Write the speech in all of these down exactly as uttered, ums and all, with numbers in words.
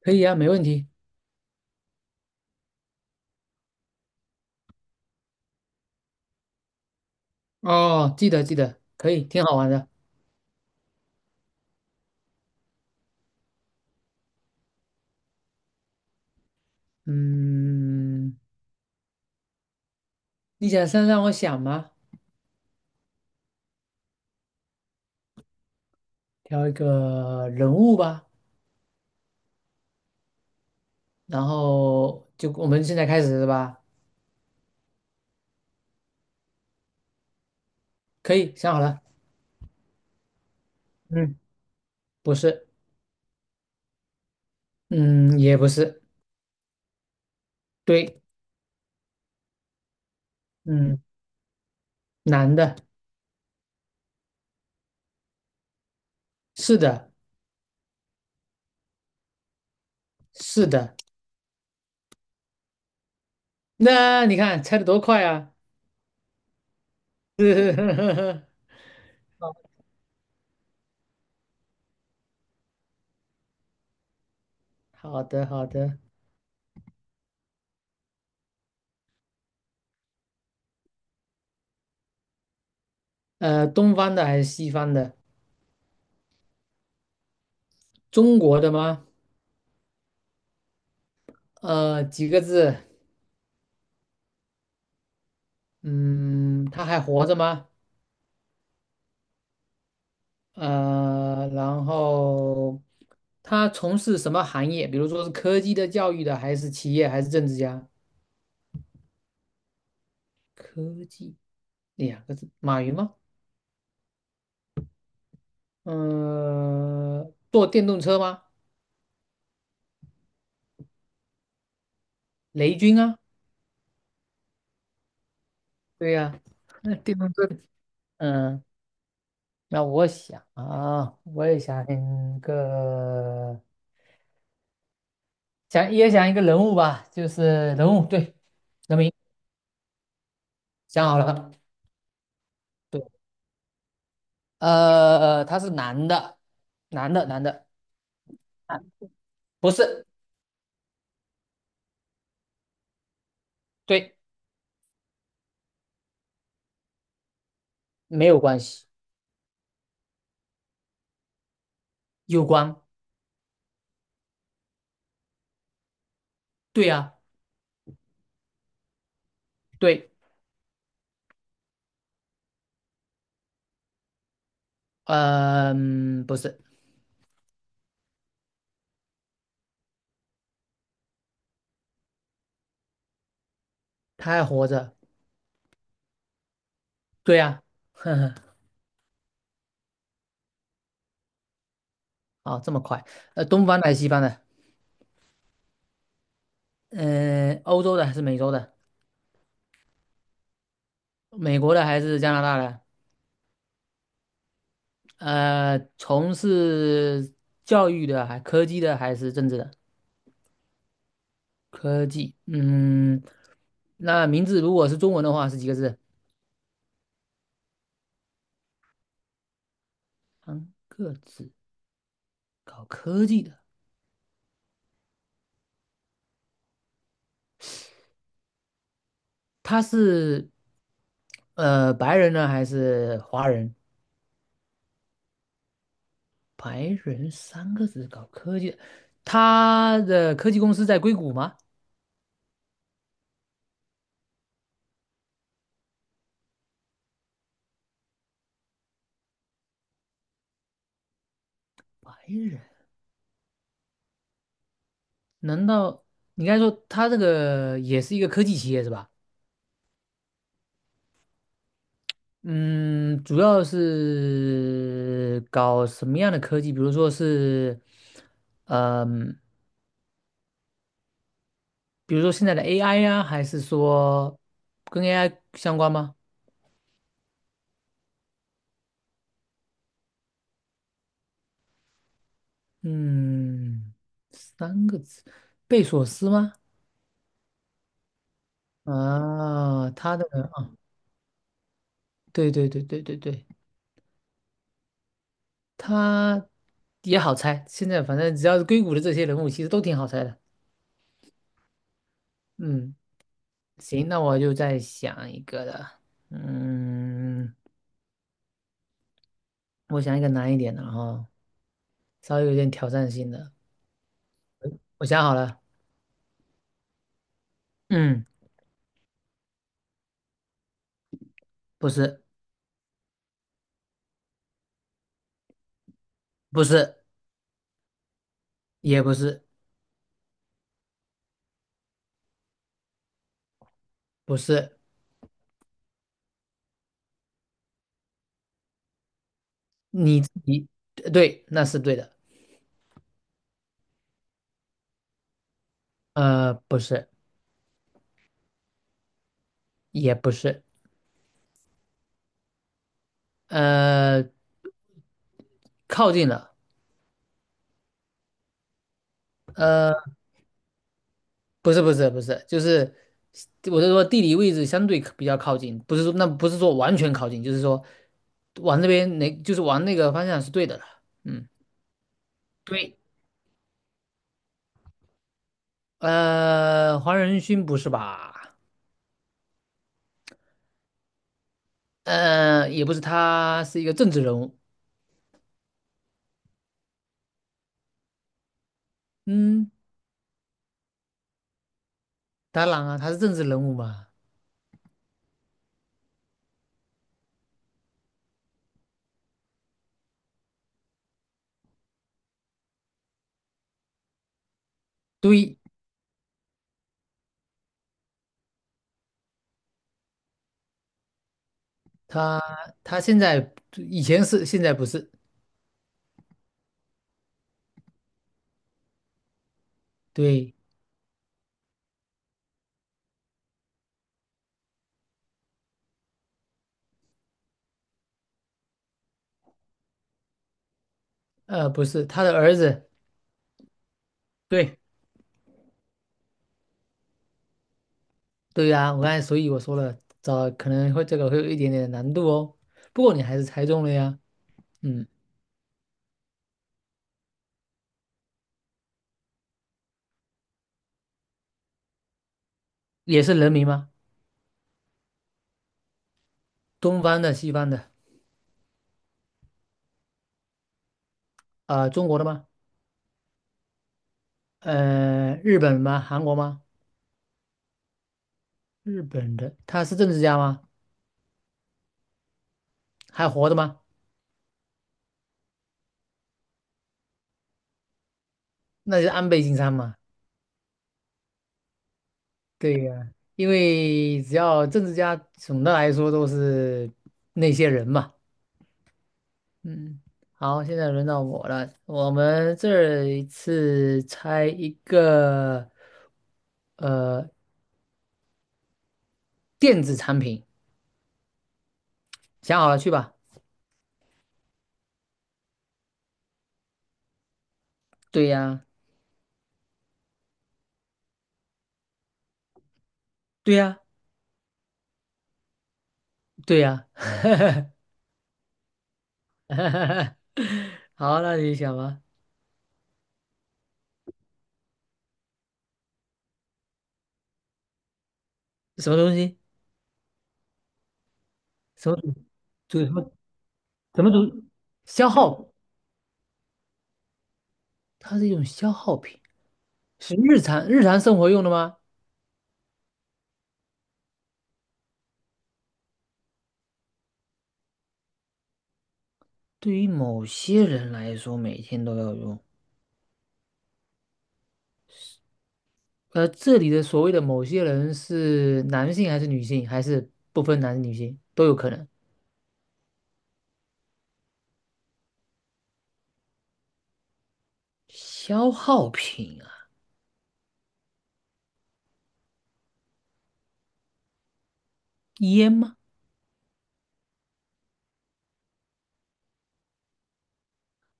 可以啊，没问题。哦，记得记得，可以，挺好玩的。嗯，你想先让我想吗？挑一个人物吧，然后就我们现在开始是吧？可以，想好了。嗯，不是，嗯，也不是，对，嗯，男的，是的，是的。那你看猜的多快啊！好的，好的。呃，东方的还是西方的？中国的吗？呃，几个字？嗯，他还活着吗？呃，然后他从事什么行业？比如说是科技的、教育的，还是企业，还是政治家？科技两个字，马云吗？呃，坐电动车吗？雷军啊，对呀、那电动车。嗯，那我想啊，我也想一个，想也想一个人物吧，就是人物，对，人名想好了。对。呃，他是男的，男的，男的，啊，不是，对，没有关系，有关，对呀，对，嗯，不是，他还活着，对呀，呵呵，哦，这么快，呃，东方的还是西方的？嗯、欧洲的还是美洲的？美国的还是加拿大的？呃，从事教育的，还科技的，还是政治的？科技，嗯，那名字如果是中文的话是几个字？三个字，搞科技的。他是呃白人呢还是华人？白人三个字搞科技，他的科技公司在硅谷吗？白人？难道你刚才说他这个也是一个科技企业是吧？嗯，主要是搞什么样的科技？比如说是，嗯、比如说现在的 A I 呀、还是说跟 A I 相关吗？嗯，三个字，贝索斯吗？啊，他的对对对对对对，他也好猜。现在反正只要是硅谷的这些人物，其实都挺好猜的。嗯，行，那我就再想一个了。嗯，我想一个难一点的哈，稍微有点挑战性的。我想好了，嗯，不是，不是，也不是，不是，你自己呃对，那是对的。呃，不是，也不是，呃，靠近了。呃。不是不是不是，就是我是说地理位置相对比较靠近，不是说那不是说完全靠近，就是说往那边那就是往那个方向是对的了。嗯，对，呃，黄仁勋不是吧？呃，也不是，他是一个政治人物。嗯，当然啊，他是政治人物嘛。对，他他现在以前是，现在不是。对，呃，不是他的儿子。对，对呀，我刚才所以我说了，找可能会这个会有一点点难度哦。不过你还是猜中了呀，嗯，也是人名吗？东方的、西方的，呃，中国的吗？呃，日本吗？韩国吗？日本的，他是政治家吗？还活着吗？那就是安倍晋三嘛。对呀，因为只要政治家，总的来说都是那些人嘛。嗯，好，现在轮到我了，我们这一次猜一个。呃，电子产品，想好了去吧。对呀，对呀，对呀。好，那你想吧，什么东西？什么主什么什么主？消耗，它是一种消耗品，是日常日常生活用的吗？对于某些人来说，每天都要用。呃，这里的所谓的某些人是男性还是女性，还是不分男女性都有可能？消耗品啊，烟吗？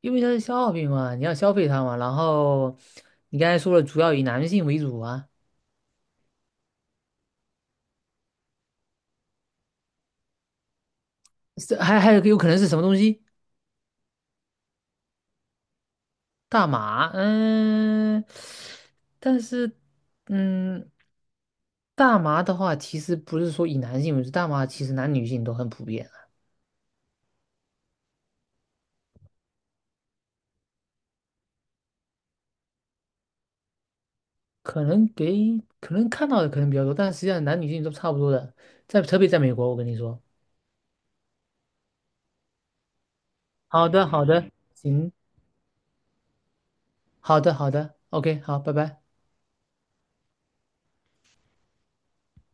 因为它是消耗品嘛，你要消费它嘛。然后你刚才说了，主要以男性为主啊，是还还有有可能是什么东西？大麻，嗯，但是嗯，大麻的话，其实不是说以男性为主，大麻其实男女性都很普遍啊。可能给可能看到的可能比较多，但实际上男女性都差不多的，在特别在美国，我跟你说。好的，好的，行，好的，好的，OK，好，拜拜。